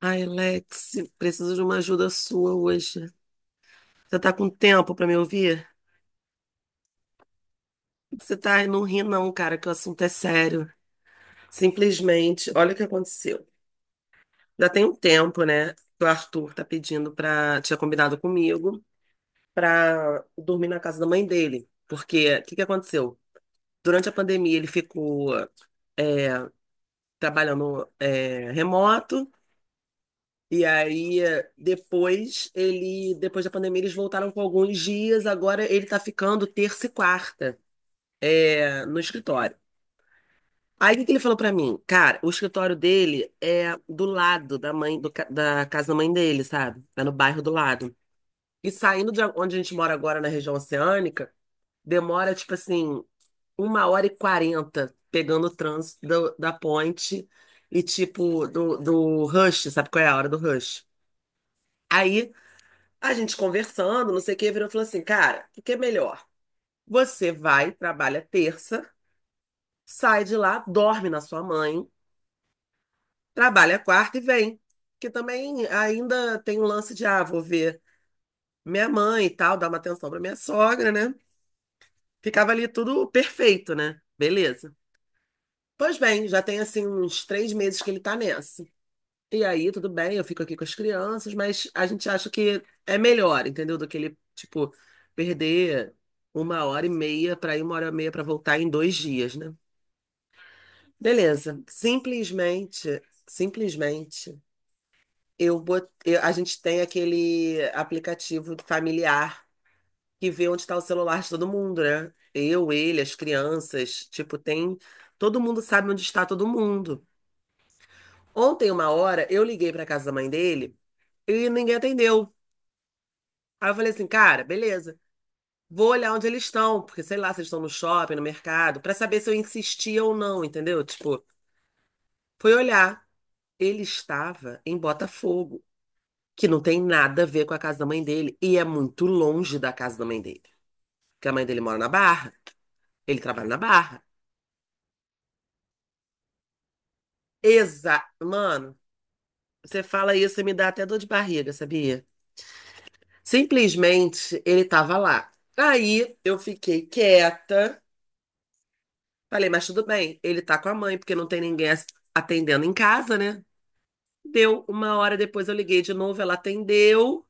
Ai, Lex, preciso de uma ajuda sua hoje. Você tá com tempo pra me ouvir? Você tá, não ri não, cara, que o assunto é sério. Simplesmente, olha o que aconteceu. Já tem um tempo, né, que o Arthur tá pedindo pra, tinha combinado comigo, pra dormir na casa da mãe dele. Porque, o que que aconteceu? Durante a pandemia, ele ficou trabalhando remoto, e aí, depois, depois da pandemia, eles voltaram com alguns dias. Agora ele tá ficando terça e quarta, é, no escritório. Aí o que que ele falou pra mim? Cara, o escritório dele é do lado da mãe da casa da mãe dele, sabe? É no bairro do lado. E saindo de onde a gente mora agora, na região oceânica, demora tipo assim, 1h40 pegando o trânsito da ponte e tipo do rush, sabe qual é a hora do rush? Aí a gente conversando, não sei o que, virou e falou assim, cara, o que é melhor? Você vai, trabalha terça, sai de lá, dorme na sua mãe. Trabalha quarta e vem. Que também ainda tem um lance de, ah, vou ver minha mãe e tal, dar uma atenção para minha sogra, né? Ficava ali tudo perfeito, né? Beleza. Pois bem, já tem assim uns 3 meses que ele tá nessa. E aí, tudo bem, eu fico aqui com as crianças, mas a gente acha que é melhor, entendeu? Do que ele, tipo, perder 1 hora e meia para ir, 1 hora e meia para voltar em 2 dias, né? Beleza. Simplesmente, simplesmente. A gente tem aquele aplicativo familiar que vê onde está o celular de todo mundo, né? Eu, ele, as crianças, tipo, tem. Todo mundo sabe onde está todo mundo. Ontem, 1 hora, eu liguei para casa da mãe dele e ninguém atendeu. Aí eu falei assim, cara, beleza. Vou olhar onde eles estão, porque sei lá se eles estão no shopping, no mercado, para saber se eu insistia ou não, entendeu? Tipo, foi olhar. Ele estava em Botafogo, que não tem nada a ver com a casa da mãe dele e é muito longe da casa da mãe dele. Porque a mãe dele mora na Barra, ele trabalha na Barra. Exa, mano, você fala isso e me dá até dor de barriga, sabia? Simplesmente ele tava lá. Aí eu fiquei quieta, falei, mas tudo bem, ele tá com a mãe, porque não tem ninguém atendendo em casa, né? Deu 1 hora depois, eu liguei de novo, ela atendeu.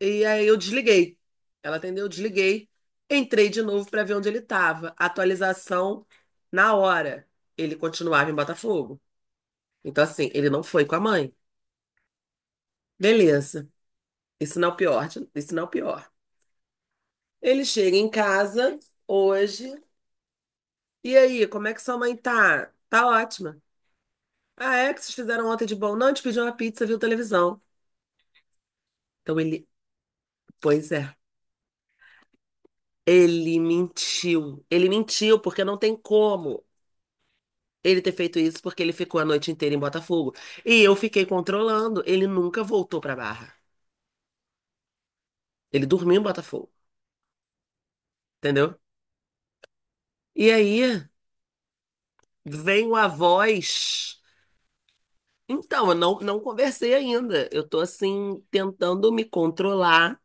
E aí eu desliguei. Ela atendeu, eu desliguei. Entrei de novo para ver onde ele estava. Atualização na hora. Ele continuava em Botafogo. Então, assim, ele não foi com a mãe. Beleza. Isso não é o pior. Isso não é o pior. Ele chega em casa hoje. E aí, como é que sua mãe tá? Tá ótima. Ah, é. O que vocês fizeram ontem de bom? Não, a gente pediu uma pizza, viu televisão. Então ele. Pois é. Ele mentiu. Ele mentiu, porque não tem como ele ter feito isso porque ele ficou a noite inteira em Botafogo. E eu fiquei controlando, ele nunca voltou pra Barra. Ele dormiu em Botafogo, entendeu? E aí vem a voz. Então, eu não, não conversei ainda. Eu tô assim, tentando me controlar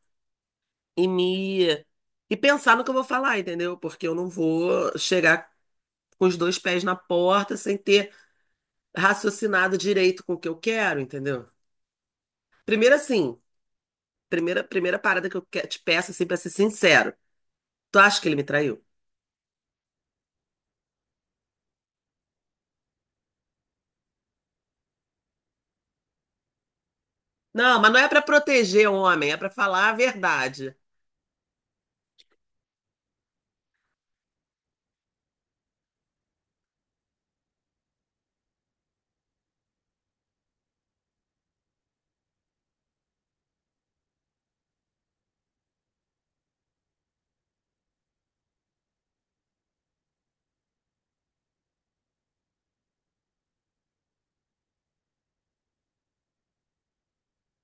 e me. E pensar no que eu vou falar, entendeu? Porque eu não vou chegar com os dois pés na porta sem ter raciocinado direito com o que eu quero, entendeu? Primeiro assim, primeira parada que te peço assim para ser sincero. Tu acha que ele me traiu? Não, mas não é pra proteger o homem, é pra falar a verdade.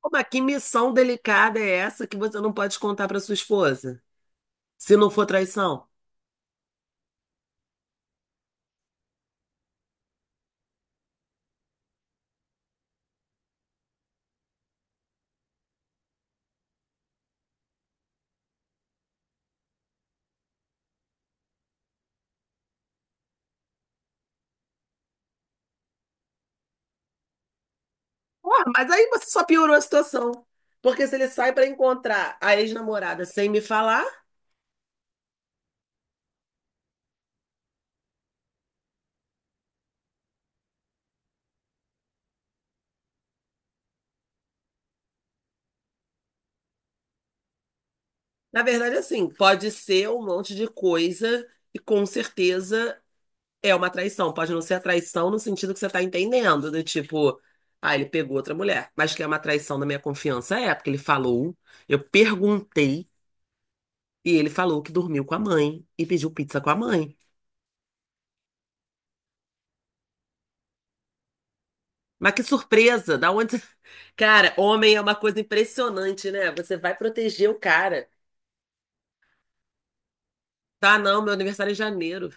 Ô, mas que missão delicada é essa que você não pode contar pra sua esposa? Se não for traição? Porra, mas aí você só piorou a situação. Porque se ele sai pra encontrar a ex-namorada sem me falar, na verdade, assim, pode ser um monte de coisa e com certeza é uma traição. Pode não ser a traição no sentido que você tá entendendo, do tipo, ah, ele pegou outra mulher, mas que é uma traição da minha confiança, é, porque ele falou, eu perguntei, e ele falou que dormiu com a mãe e pediu pizza com a mãe. Mas que surpresa, da onde. Cara, homem é uma coisa impressionante, né? Você vai proteger o cara. Tá, não, meu aniversário é em janeiro.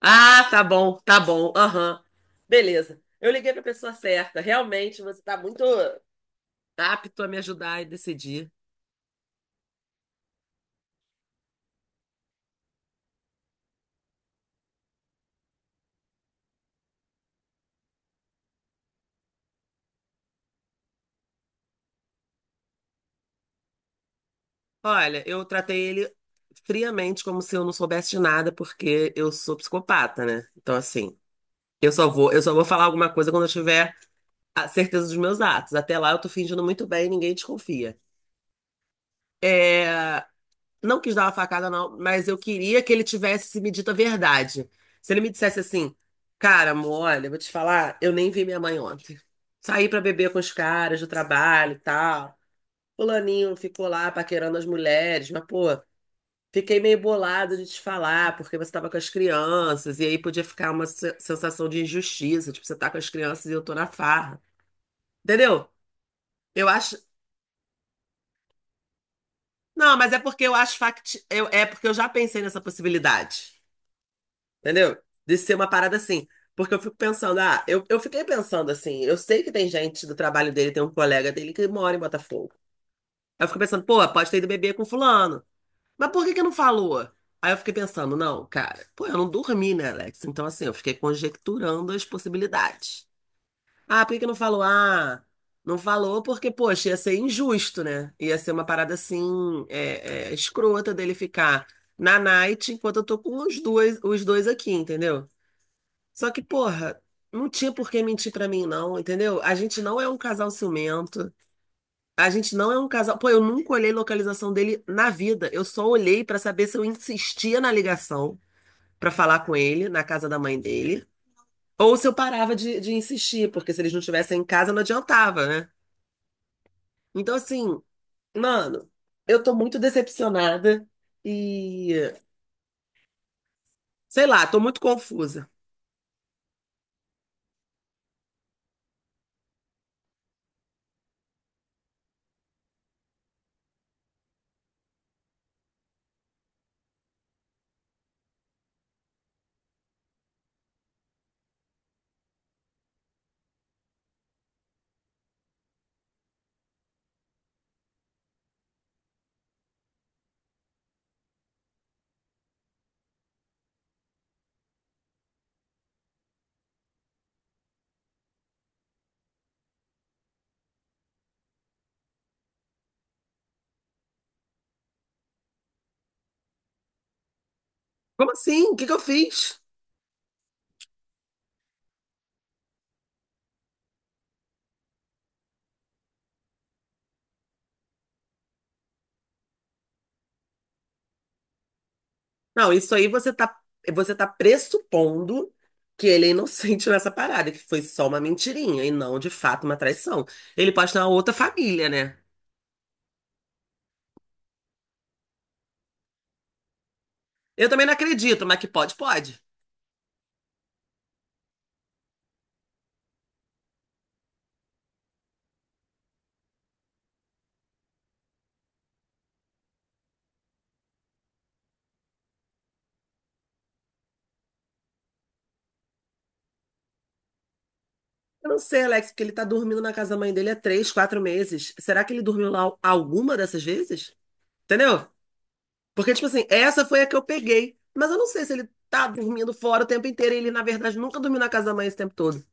Ah, tá bom, aham. Beleza. Eu liguei pra pessoa certa. Realmente, você tá muito apto a me ajudar e decidir. Olha, eu tratei ele friamente como se eu não soubesse de nada, porque eu sou psicopata, né? Então, assim, eu só vou falar alguma coisa quando eu tiver a certeza dos meus atos. Até lá eu tô fingindo muito bem e ninguém desconfia. É, não quis dar uma facada, não, mas eu queria que ele tivesse se me dito a verdade. Se ele me dissesse assim, cara, amor, olha, eu vou te falar, eu nem vi minha mãe ontem. Saí pra beber com os caras do trabalho e tal. Fulaninho ficou lá paquerando as mulheres, mas, pô. Fiquei meio bolada de te falar, porque você estava com as crianças, e aí podia ficar uma sensação de injustiça, tipo, você tá com as crianças e eu tô na farra. Entendeu? Eu acho. Não, mas é porque eu acho fact... eu- é porque eu já pensei nessa possibilidade. Entendeu? De ser uma parada assim. Porque eu fico pensando, ah, eu fiquei pensando assim, eu sei que tem gente do trabalho dele, tem um colega dele que mora em Botafogo. Aí eu fico pensando, pô, pode ter ido beber com fulano. Mas por que que não falou? Aí eu fiquei pensando, não, cara, pô, eu não dormi, né, Alex? Então, assim, eu fiquei conjecturando as possibilidades. Ah, por que que não falou? Ah, não falou porque, poxa, ia ser injusto, né? Ia ser uma parada assim, é, é, escrota dele ficar na night enquanto eu tô com os dois aqui, entendeu? Só que, porra, não tinha por que mentir pra mim, não, entendeu? A gente não é um casal ciumento. A gente não é um casal. Pô, eu nunca olhei localização dele na vida. Eu só olhei pra saber se eu insistia na ligação pra falar com ele, na casa da mãe dele, ou se eu parava de, insistir, porque se eles não estivessem em casa não adiantava, né? Então, assim, mano, eu tô muito decepcionada e sei lá, tô muito confusa. Como assim? O que que eu fiz? Não, isso aí você tá pressupondo que ele é inocente nessa parada, que foi só uma mentirinha e não, de fato, uma traição. Ele pode ter uma outra família, né? Eu também não acredito, mas que pode, pode. Eu não sei, Alex, porque ele tá dormindo na casa da mãe dele há 3, 4 meses. Será que ele dormiu lá alguma dessas vezes? Entendeu? Porque, tipo assim, essa foi a que eu peguei. Mas eu não sei se ele tá dormindo fora o tempo inteiro e ele, na verdade, nunca dormiu na casa da mãe esse tempo todo.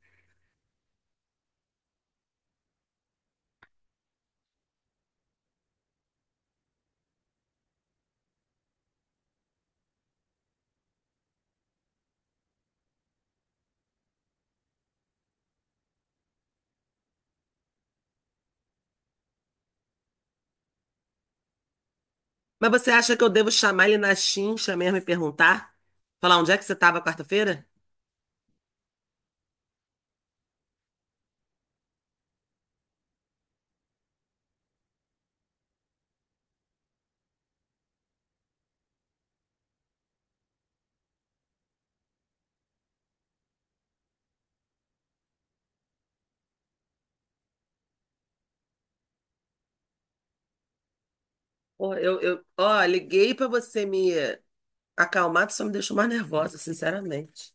Mas você acha que eu devo chamar ele na chincha mesmo e perguntar? Falar onde é que você estava quarta-feira? Pô, ó, liguei pra você me acalmar, tu só me deixou mais nervosa, sinceramente.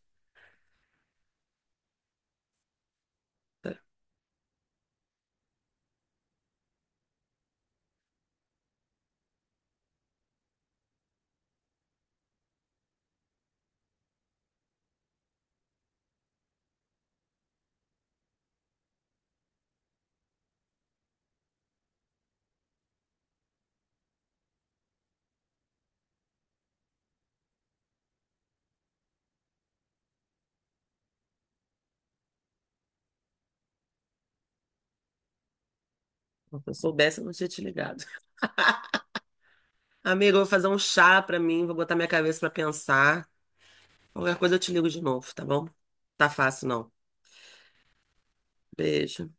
Se eu soubesse, eu não tinha te ligado. Amigo, eu vou fazer um chá pra mim, vou botar minha cabeça pra pensar. Qualquer coisa eu te ligo de novo, tá bom? Tá fácil, não. Beijo.